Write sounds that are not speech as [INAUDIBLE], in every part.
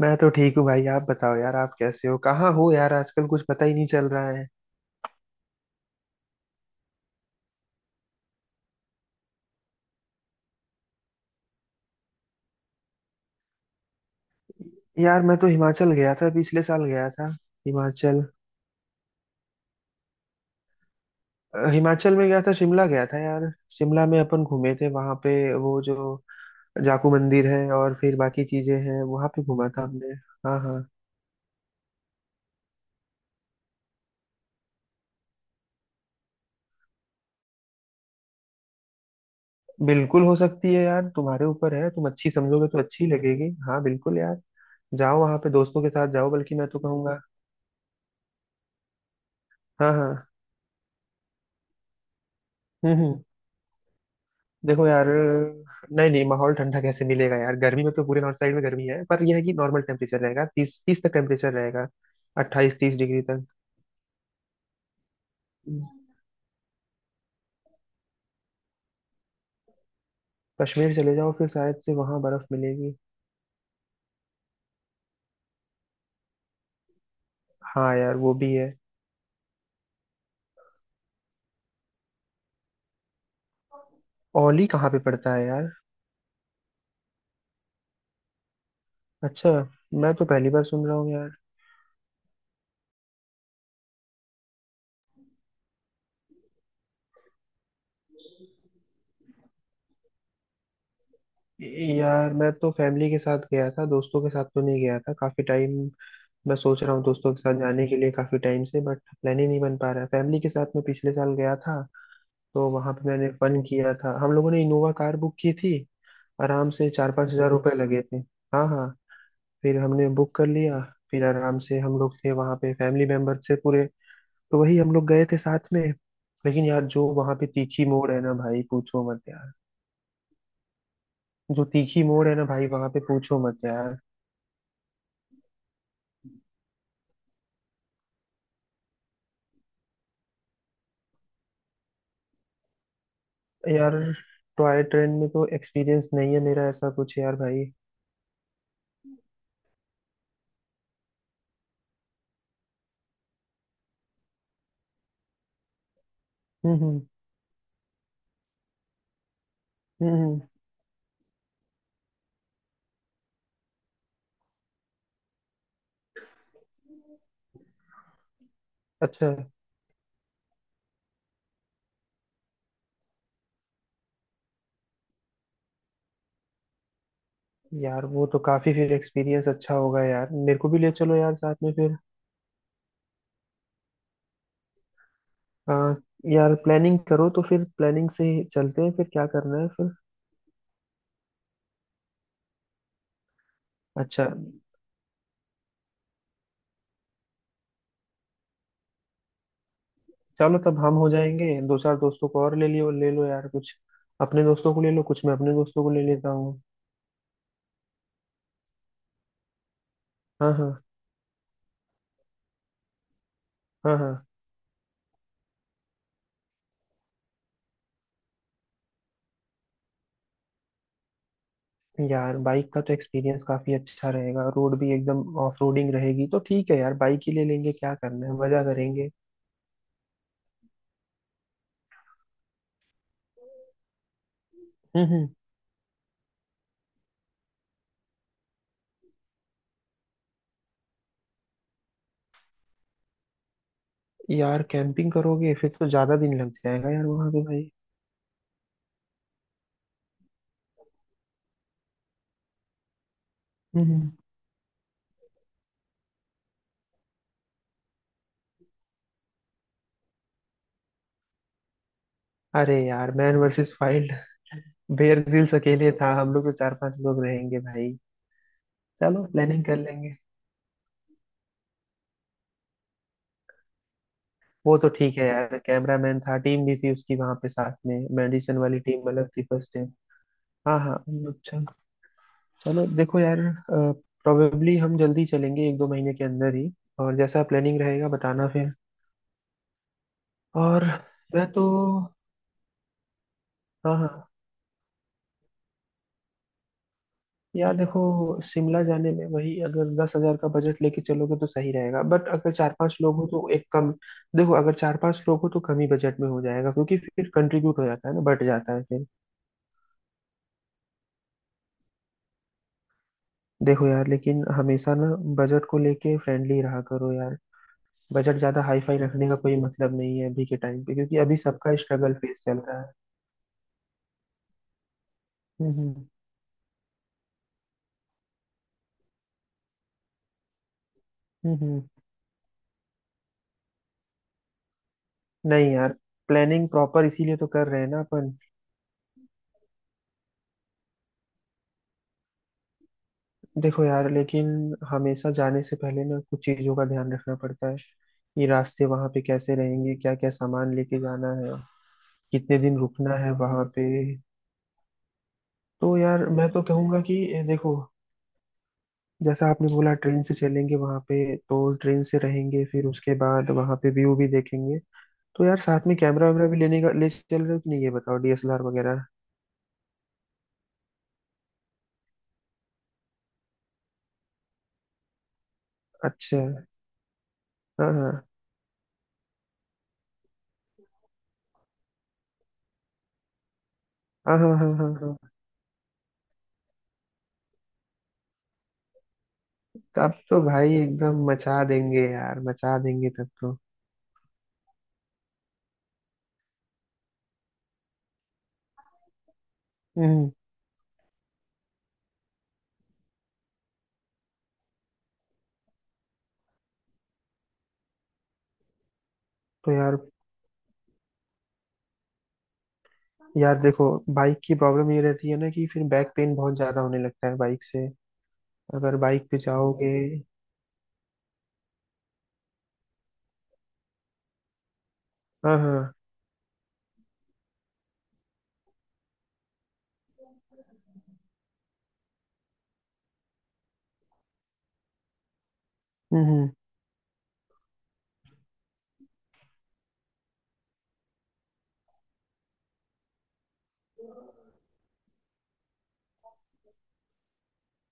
मैं तो ठीक हूँ भाई। आप बताओ यार, आप कैसे हो, कहाँ हो यार? आजकल कुछ पता ही नहीं चल रहा है। यार मैं तो हिमाचल गया था, पिछले साल गया था, हिमाचल। हिमाचल में गया था, शिमला गया था यार। शिमला में अपन घूमे थे वहाँ पे, वो जो जाकू मंदिर है और फिर बाकी चीजें हैं वहाँ पे घूमा था हमने। हाँ हाँ। बिल्कुल हो सकती है यार, तुम्हारे ऊपर है, तुम अच्छी समझोगे तो अच्छी लगेगी। हाँ बिल्कुल यार। जाओ वहाँ पे दोस्तों के साथ जाओ, बल्कि मैं तो कहूँगा। हाँ हाँ। हम्म। देखो यार। नहीं नहीं, माहौल ठंडा कैसे मिलेगा यार? गर्मी में तो पूरे नॉर्थ साइड में गर्मी है, पर यह है कि नॉर्मल टेम्परेचर रहेगा, 30 30 तक टेम्परेचर रहेगा। 28-30 डिग्री तक। कश्मीर चले जाओ फिर, शायद से वहां बर्फ मिलेगी। हाँ यार, वो भी है। ओली कहाँ पे पड़ता है यार? अच्छा। मैं तो पहली बार सुन रहा हूँ यार। यार मैं तो फैमिली के साथ गया था, दोस्तों के साथ तो नहीं गया था काफी टाइम। मैं सोच रहा हूँ दोस्तों के साथ जाने के लिए काफी टाइम से, बट प्लान ही नहीं बन पा रहा है। फैमिली के साथ मैं पिछले साल गया था। तो वहां पे मैंने फन किया था, हम लोगों ने इनोवा कार बुक की थी। आराम से 4-5 हजार रुपए लगे थे। हाँ हाँ। फिर हमने बुक कर लिया। फिर आराम से हम लोग थे वहां पे, फैमिली मेंबर थे पूरे। तो वही हम लोग गए थे साथ में। लेकिन यार, जो वहां पे तीखी मोड़ है ना भाई, पूछो मत यार। जो तीखी मोड़ है ना भाई वहां पे, पूछो मत यार। यार टॉय ट्रेन में तो एक्सपीरियंस नहीं है मेरा ऐसा कुछ यार भाई। हम्म। हम्म हम्म। अच्छा। यार वो तो काफी फिर एक्सपीरियंस अच्छा होगा यार, मेरे को भी ले चलो यार साथ में फिर। आ, यार प्लानिंग करो तो फिर, प्लानिंग से ही चलते हैं फिर, क्या करना है फिर। अच्छा। चलो, तब हम हो जाएंगे, दो चार दोस्तों को और ले लियो, ले लो यार कुछ। अपने दोस्तों को ले लो कुछ, मैं अपने दोस्तों को ले लेता हूँ। हाँ हाँ हाँ हाँ। यार बाइक का तो एक्सपीरियंस काफी अच्छा रहेगा, रोड भी एकदम ऑफ रोडिंग रहेगी तो ठीक है यार, बाइक ही ले लेंगे, क्या करना है, मजा करेंगे। हम्म। यार कैंपिंग करोगे फिर तो ज्यादा दिन लग जाएगा यार वहां पे भाई। हम्म हम्म। अरे यार Man versus Wild. Bear Grylls अकेले था, हम लोग तो चार पांच लोग रहेंगे भाई। चलो प्लानिंग कर लेंगे। वो तो ठीक है यार, कैमरामैन था, टीम भी थी उसकी वहां पे साथ में। मेडिसिन वाली टीम अलग थी, फर्स्ट टाइम। हाँ हाँ। अच्छा। चलो देखो यार। प्रोबेबली हम जल्दी चलेंगे, एक दो महीने के अंदर ही। और जैसा प्लानिंग रहेगा बताना फिर। और मैं तो। हाँ हाँ। यार देखो, शिमला जाने में वही अगर 10 हजार का बजट लेके चलोगे तो सही रहेगा, बट अगर चार पांच लोग हो तो एक कम। देखो अगर चार पांच लोग हो तो कम ही बजट में हो जाएगा, क्योंकि फिर कंट्रीब्यूट हो जाता है ना, बट जाता है फिर। देखो यार, लेकिन हमेशा ना, बजट को लेके फ्रेंडली रहा करो यार। बजट ज्यादा हाई फाई रखने का कोई मतलब नहीं है अभी के टाइम पे, क्योंकि अभी सबका स्ट्रगल फेस चल रहा है। हम्म। हम्म हम्म। नहीं यार, प्लानिंग प्रॉपर इसीलिए तो कर रहे हैं ना अपन। देखो यार, लेकिन हमेशा जाने से पहले ना कुछ चीजों का ध्यान रखना पड़ता है। ये रास्ते वहां पे कैसे रहेंगे, क्या क्या सामान लेके जाना है, कितने दिन रुकना है वहां पे। तो यार मैं तो कहूंगा कि, देखो, जैसा आपने बोला ट्रेन से चलेंगे, वहां पे तो ट्रेन से रहेंगे, फिर उसके बाद वहां पे व्यू भी देखेंगे। तो यार साथ में कैमरा वैमरा भी लेने का, ले चल रहे हो कि नहीं ये बताओ, डीएसएलआर वगैरह। अच्छा। हाँ हाँ हाँ हाँ हाँ हाँ हाँ। तब तो भाई एकदम मचा देंगे यार, मचा देंगे तब। तो तो यार, यार देखो, बाइक की प्रॉब्लम ये रहती है ना कि फिर बैक पेन बहुत ज्यादा होने लगता है बाइक से, अगर बाइक पे जाओगे। हाँ हाँ। हम्म हम्म।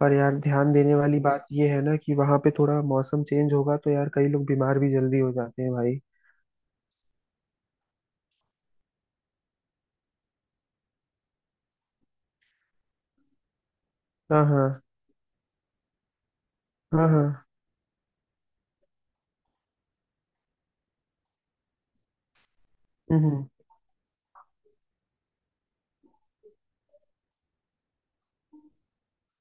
पर यार ध्यान देने वाली बात ये है ना कि वहां पे थोड़ा मौसम चेंज होगा, तो यार कई लोग बीमार भी जल्दी हो जाते हैं भाई। हाँ हाँ हाँ हाँ। हम्म।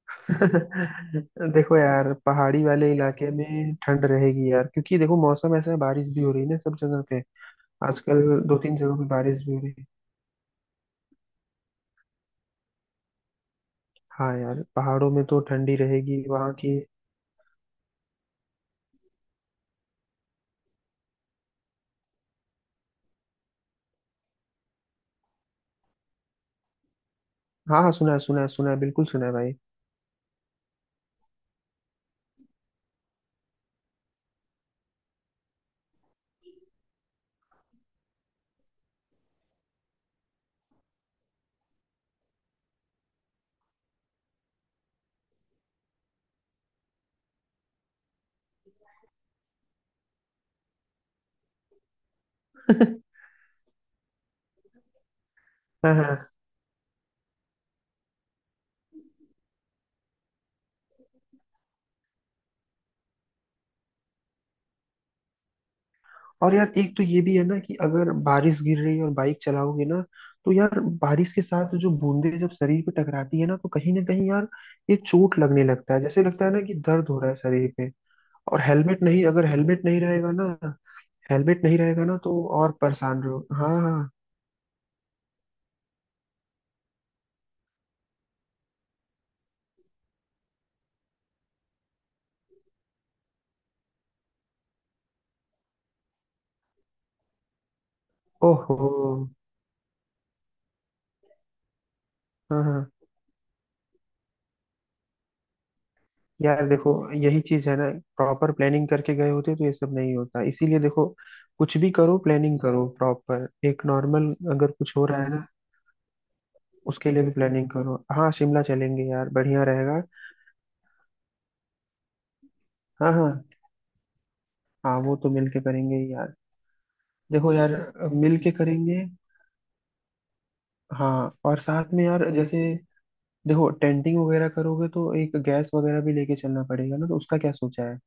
[LAUGHS] देखो यार पहाड़ी वाले इलाके में ठंड रहेगी यार, क्योंकि देखो मौसम ऐसा है, बारिश भी हो रही है ना सब जगह पे। आजकल दो तीन जगहों पे बारिश भी हो रही है। हाँ यार, पहाड़ों में तो ठंडी रहेगी वहाँ की। हाँ हाँ, सुना है सुना है सुना है, बिल्कुल सुना है भाई। [LAUGHS] हाँ हाँ। और यार एक तो ये भी है ना कि अगर बारिश गिर रही है और बाइक चलाओगे ना, तो यार बारिश के साथ जो बूंदे जब शरीर पे टकराती है ना तो कहीं ना कहीं यार, ये चोट लगने लगता है, जैसे लगता है ना कि दर्द हो रहा है शरीर पे। और हेलमेट नहीं, अगर हेलमेट नहीं रहेगा ना, हेलमेट नहीं रहेगा ना तो और परेशान रहो। हाँ हाँ। ओहो। हाँ हाँ। यार देखो, यही चीज है ना, प्रॉपर प्लानिंग करके गए होते तो ये सब नहीं होता, इसीलिए देखो, कुछ भी करो प्लानिंग करो प्रॉपर एक नॉर्मल, अगर कुछ हो रहा है ना, उसके लिए भी प्लानिंग करो। हाँ शिमला चलेंगे यार, बढ़िया रहेगा। हाँ हाँ। हाँ वो तो मिलके करेंगे ही यार। देखो यार, मिलके करेंगे। हाँ, और साथ में यार जैसे, देखो टेंटिंग वगैरह करोगे तो एक गैस वगैरह भी लेके चलना पड़ेगा ना, तो उसका क्या सोचा है?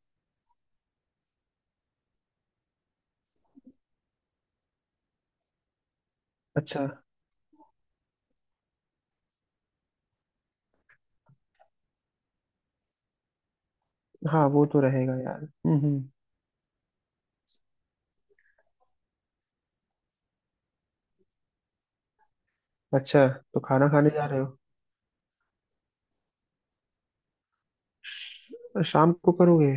अच्छा। हाँ वो तो रहेगा यार। हम्म। अच्छा। तो खाना खाने जा रहे हो? शाम को करोगे?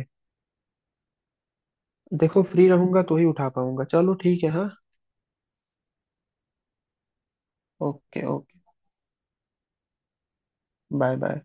देखो फ्री रहूंगा तो ही उठा पाऊंगा, चलो ठीक है हाँ। Okay okay. Bye bye.